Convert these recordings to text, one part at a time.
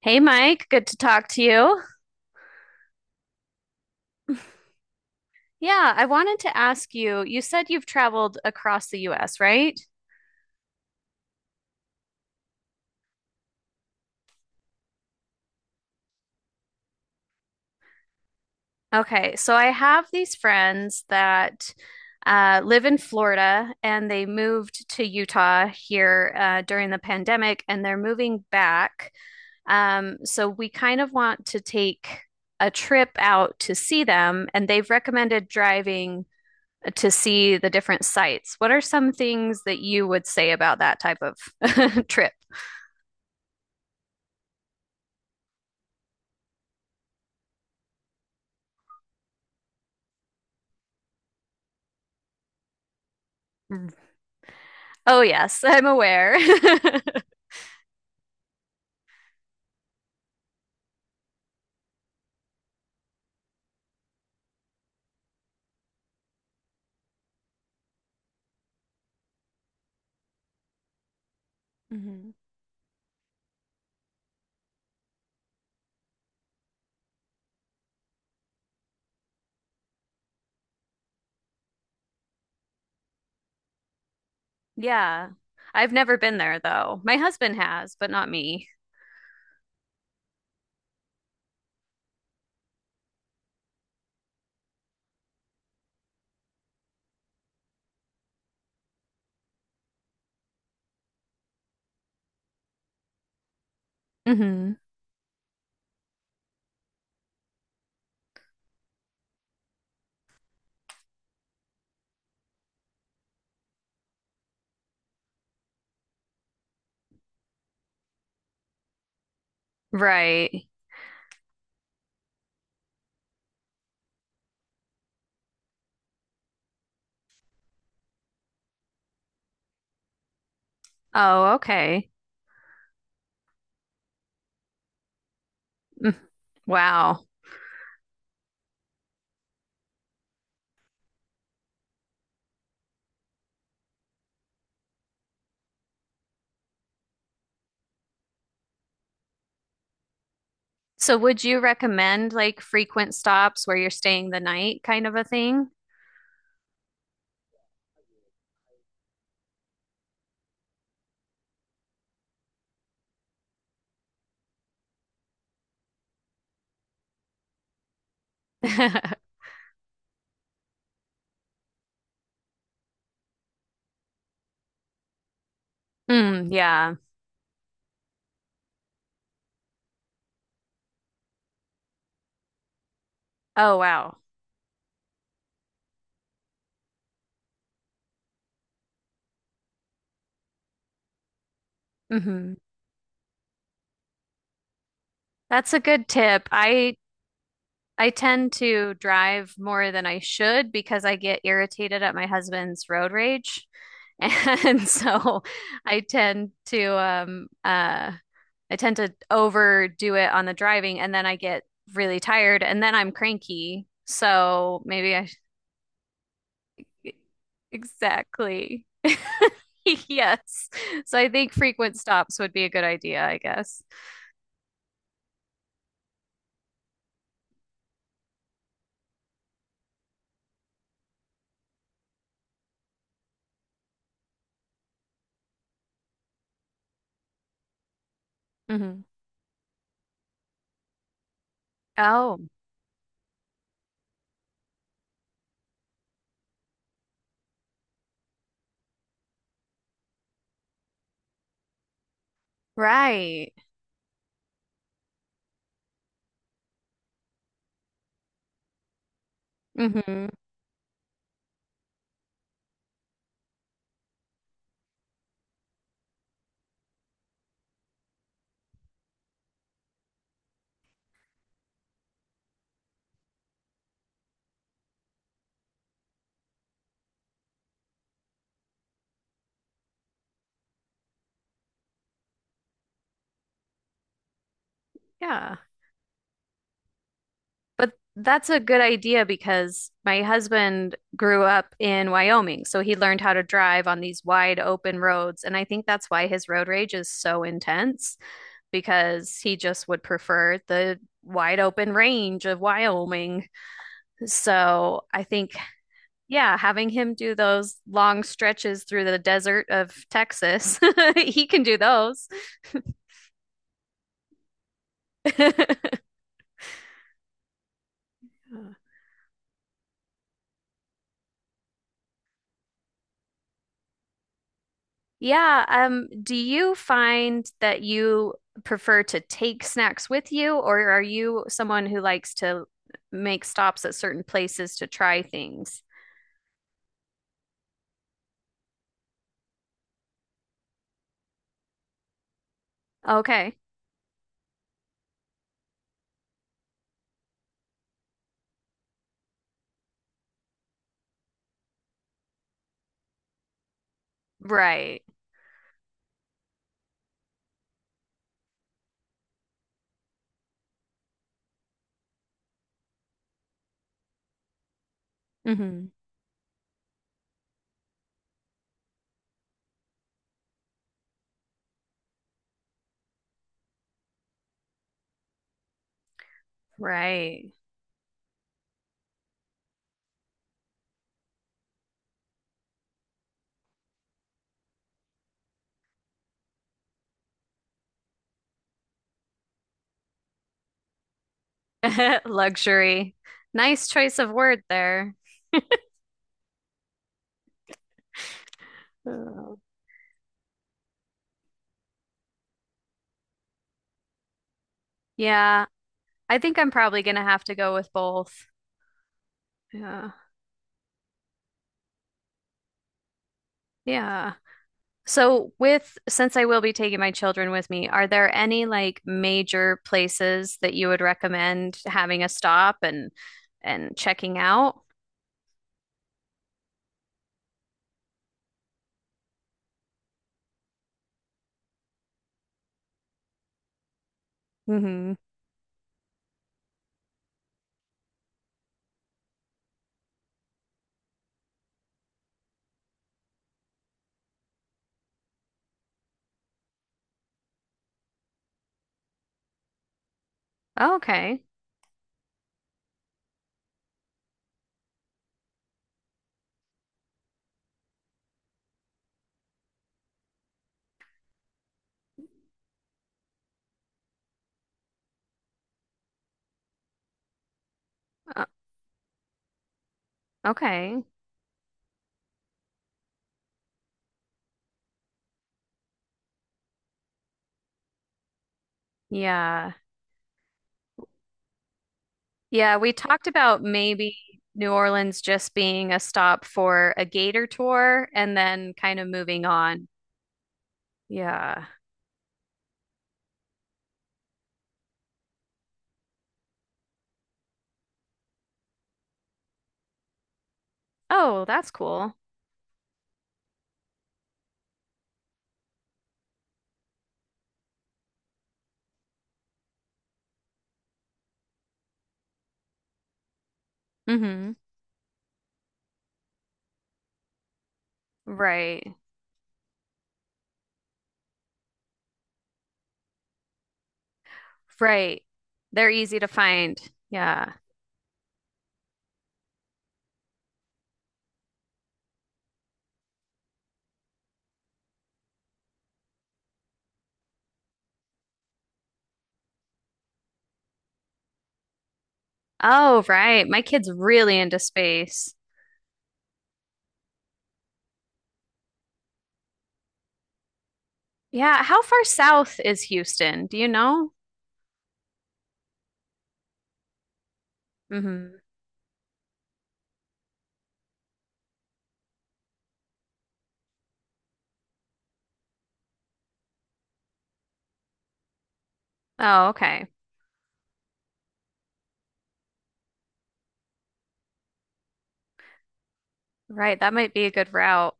Hey Mike, good to talk to you. Yeah, I wanted to ask you, you said you've traveled across the US, right? Okay, so I have these friends that live in Florida and they moved to Utah here during the pandemic and they're moving back. So we kind of want to take a trip out to see them and they've recommended driving to see the different sites. What are some things that you would say about that type of trip? Mm. Oh, yes, I'm aware. Hmm. Yeah. I've never been there though. My husband has, but not me. Hmm. Right. Oh, okay. Mm. Wow. So would you recommend like frequent stops where you're staying the night kind of a thing? Mm, yeah. Oh, wow. Hmm. That's a good tip. I tend to drive more than I should because I get irritated at my husband's road rage. And so I tend to um uh I tend to overdo it on the driving and then I get really tired and then I'm cranky. So maybe I sh- e-, exactly. Yes. So I think frequent stops would be a good idea, I guess. Hmm. Oh, right. Hmm. Yeah. But that's a good idea because my husband grew up in Wyoming, so he learned how to drive on these wide open roads. And I think that's why his road rage is so intense because he just would prefer the wide open range of Wyoming. So I think, yeah, having him do those long stretches through the desert of Texas, he can do those. Yeah, do you find that you prefer to take snacks with you, or are you someone who likes to make stops at certain places to try things? Okay. Right. Hmm. Right. Luxury. Nice choice of word there. Oh. Yeah, I think I'm probably gonna have to go with both. Yeah. Yeah. So with since I will be taking my children with me, are there any like major places that you would recommend having a stop and checking out? Mm-hmm. Okay. Uh, okay. Yeah. Yeah, we talked about maybe New Orleans just being a stop for a gator tour and then kind of moving on. Yeah. Oh, that's cool. Mm-hmm. Right. Right. They're easy to find. Yeah. Oh, right. My kid's really into space. Yeah. How far south is Houston? Do you know? Mm-hmm. Oh, okay. Right. That might be a good route.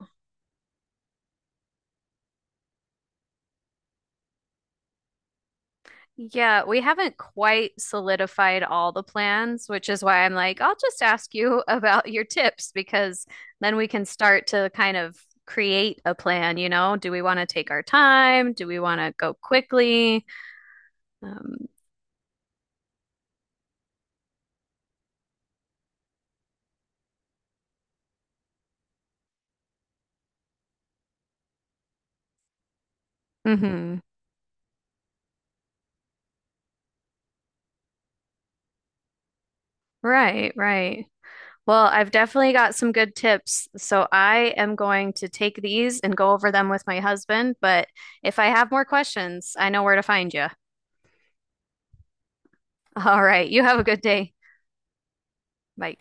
Yeah. We haven't quite solidified all the plans, which is why I'm like, I'll just ask you about your tips because then we can start to kind of create a plan. You know, do we want to take our time? Do we want to go quickly? Um, mhm. Right. Right. Well, I've definitely got some good tips. So I am going to take these and go over them with my husband. But if I have more questions, I know where to find you. All right. You have a good day. Bye.